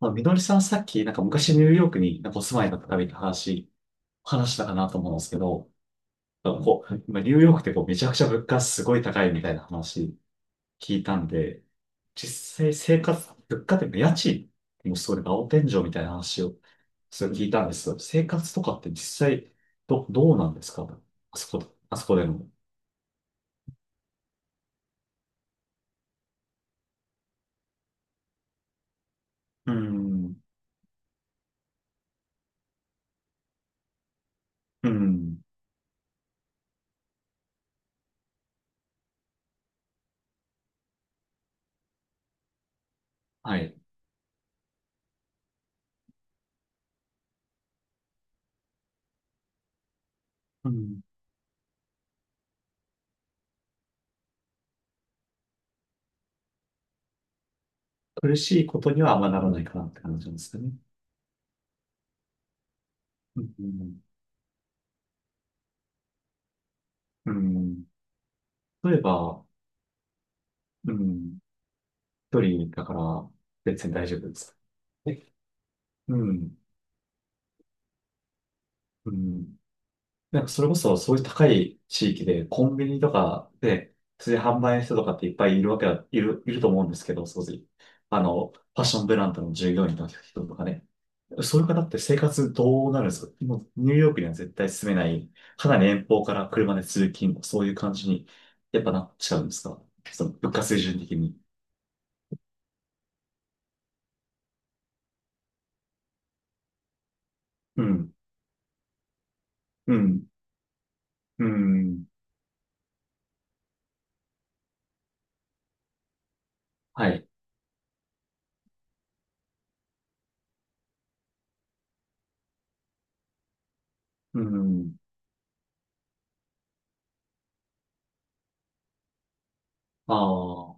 まあ、みのりさんさっき、なんか昔ニューヨークになんかお住まいだったみたいな話したかなと思うんですけど、なんかこう、今ニューヨークってこうめちゃくちゃ物価すごい高いみたいな話聞いたんで、実際生活、物価っていうか家賃もすごいなんか青天井みたいな話をそれ聞いたんですけど、生活とかって実際どうなんですか?あそこでの。うん、うん、はい。うん、苦しいことにはあんまならないかなって感じなんですかね。うん、うん、うん、例えば、うん。一人だから、別に大丈夫です。え、うん。うん。なんか、それこそ、そういう高い地域で、コンビニとかで、普通に販売の人とかっていっぱいいるわけだ、いる、いると思うんですけど、そうです。ファッションブランドの従業員の人とかね。そういう方って生活どうなるんですか？もう、ニューヨークには絶対住めない、かなり遠方から車で通勤、そういう感じに、やっぱなっちゃうんですか？物価水準的に。うん。うん。うん。はい。うん。ああ、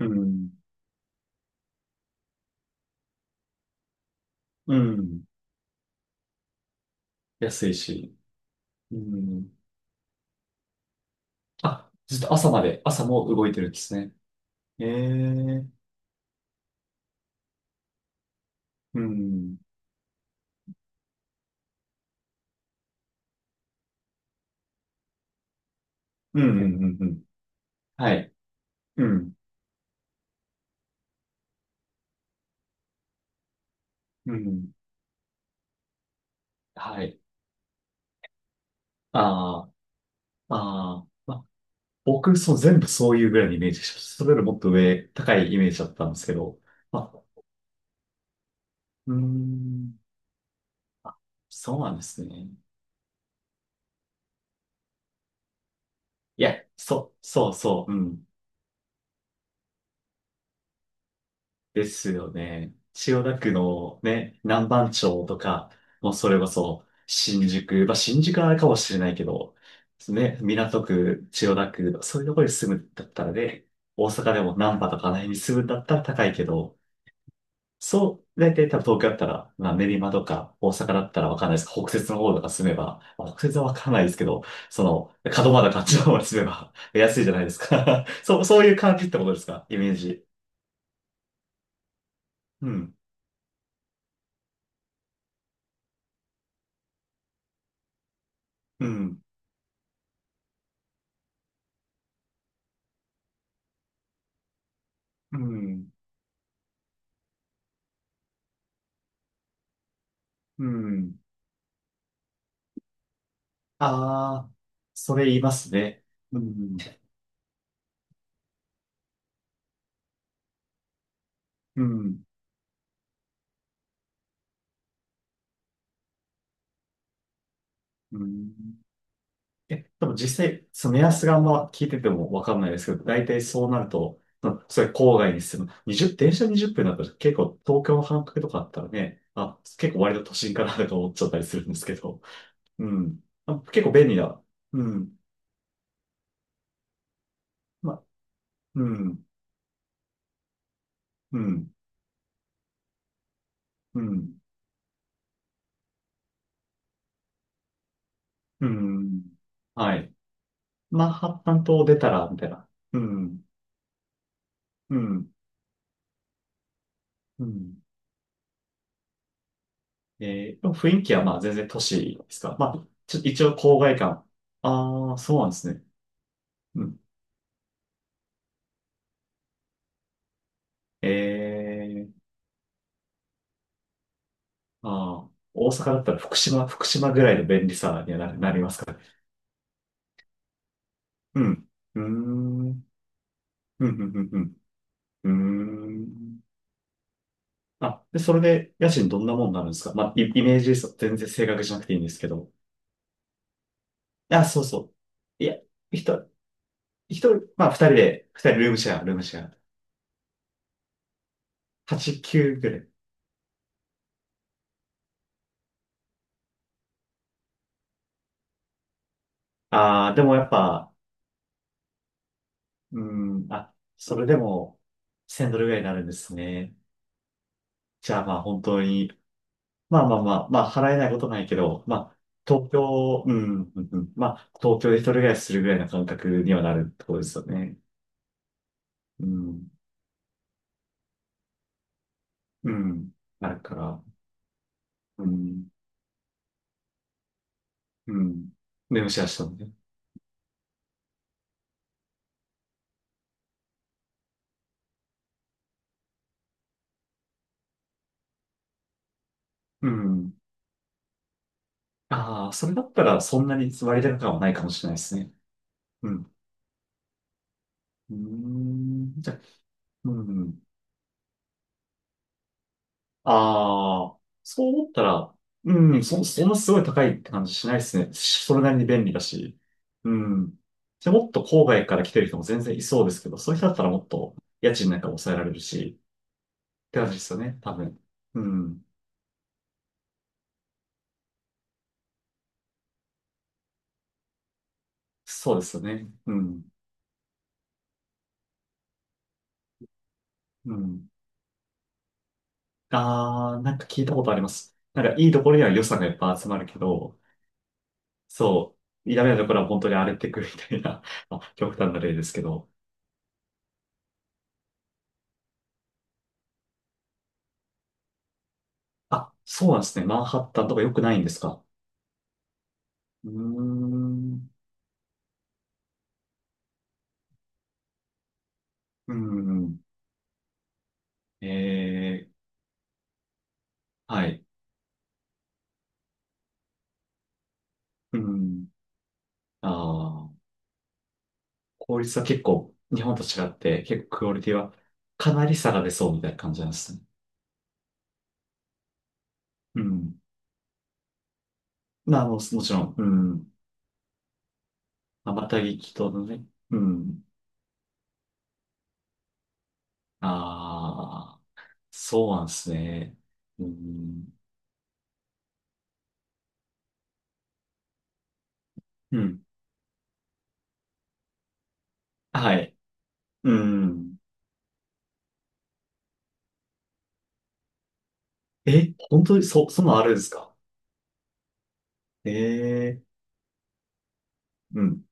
うん、うん、安いし、うん。あ、ずっと朝まで、朝も動いてるんですね。ええ、うん、うん、うん、うんうん、はい、うん、うん、はい。ああ、ああ、ま、僕、そう、全部そういうぐらいのイメージでした。それよりもっと上、高いイメージだったんですけど、まあ、うーん、そうなんですね。いや、そう、そうそう、うん。ですよね。千代田区のね、南番町とか、もうそれこそ新宿、まあ新宿はあれかもしれないけど、ね、港区、千代田区、そういうところに住むんだったらね、大阪でも難波とかあの辺に住むんだったら高いけど、そう、大体多分東京だったら、まあ練馬とか大阪だったらわかんないです。北摂の方とか住めば、まあ北摂はわかんないですけど、その、門真とかあっちの方に住めば 安いじゃないですか。そう、そういう感じってことですか？イメージ。うん。うん。うん。うん。ああ、それ言いますね。うん。うん。うん。え、でも実際、その目安があんま聞いててもわかんないですけど、大体そうなると、うん、それ郊外に住む。20、電車20分だったら結構東京の半角とかあったらね、あ、結構割と都心かなとか思っちゃったりするんですけど。うん。あ、結構便利だ。うん。ま、うん。うん。うん。うん。はい。マンハッタン島を出たら、みたいな。うん。うん。うん。雰囲気はまあ全然都市ですか？まあ、ちょっと一応郊外感。ああ、そうなんですね。うん。えー、ああ、大阪だったら福島ぐらいの便利さにはなりますかね。うん。うーん。うん、うん、うん、うん。うーん。あ、で、それで家賃どんなもんになるんですか？まあ、イメージですよ。全然正確じゃなくていいんですけど。あ、そうそう。いや、一人、一人、まあ二人で、二人ルームシェア、ルームシェア。8、9ぐらい。ああ、でもやっぱ、うん。あ、それでも、1000ドルぐらいになるんですね。じゃあまあ本当に、まあまあまあ、まあ払えないことないけど、まあ、東京、うん、うん、うん、まあ、東京で一人暮らしするぐらいの感覚にはなるところですよね。うん、うん。なるから、うん、うん。でもシェアしたのね。うん。ああ、それだったらそんなに割高感はないかもしれないですね。うん。うーん、じゃあ、うん。ああ、そう思ったら、うん、そんなすごい高いって感じしないですね。それなりに便利だし。うん。で、もっと郊外から来てる人も全然いそうですけど、そういう人だったらもっと家賃なんか抑えられるし、って感じですよね、多分。うん。そうですよね。うん。うん。ああ、なんか聞いたことあります。なんかいいところには予算がいっぱい集まるけど、そう、ダメなところは本当に荒れてくるみたいな、あ、極端な例ですけど。あ、そうなんですね。マンハッタンとか良くないんですか？うーん。うん。えー、はい。うん。ああ、効率は結構、日本と違って、結構クオリティはかなり下が出そうみたいな感じなんですね。うん。まあ、もちろん、うん。まばたぎきとのね。うん。ああ、そうなんですね。うん。うん。はい。うん。え、本当にそんなんあるんですか？ええー、うん。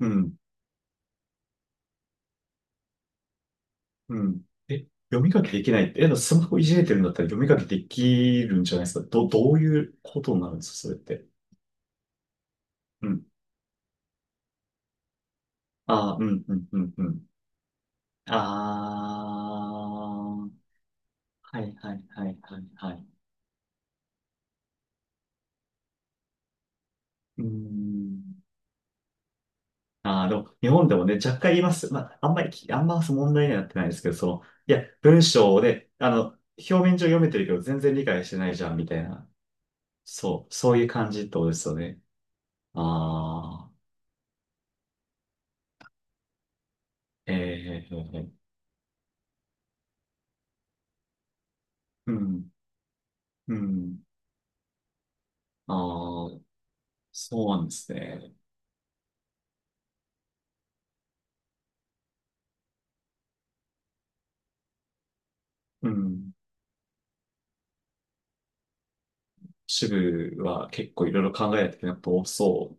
うん。うん。え、読み書きできないって、え、スマホいじれてるんだったら読み書きできるんじゃないですか。どういうことになるんですか、それって。うん。ああ、うん、うん、うん、うん。ああ、はい、はい、はい、はい、はい。うーん。ああ、でも、日本でもね、若干言います。まあ、あんまりき、あんま問題にはなってないですけど、その、いや、文章で、表面上読めてるけど、全然理解してないじゃん、みたいな。そう、そういう感じってことですよね。ああ、ええー、うん。うん。ああ、そうなんですね。うん。支部は結構いろいろ考えないといけないこと多そう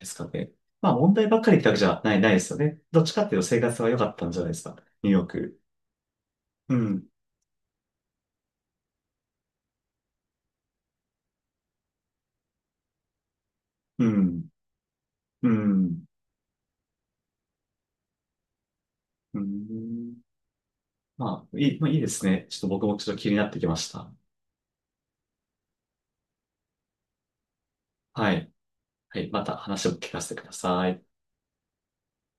ですかね。まあ問題ばっかりってわけじゃないですよね。どっちかっていうと生活は良かったんじゃないですか。ニューヨーク。うん。うん。うん。うん。まあ、まあいいですね。ちょっと僕もちょっと気になってきました。はい。はい。また話を聞かせてください。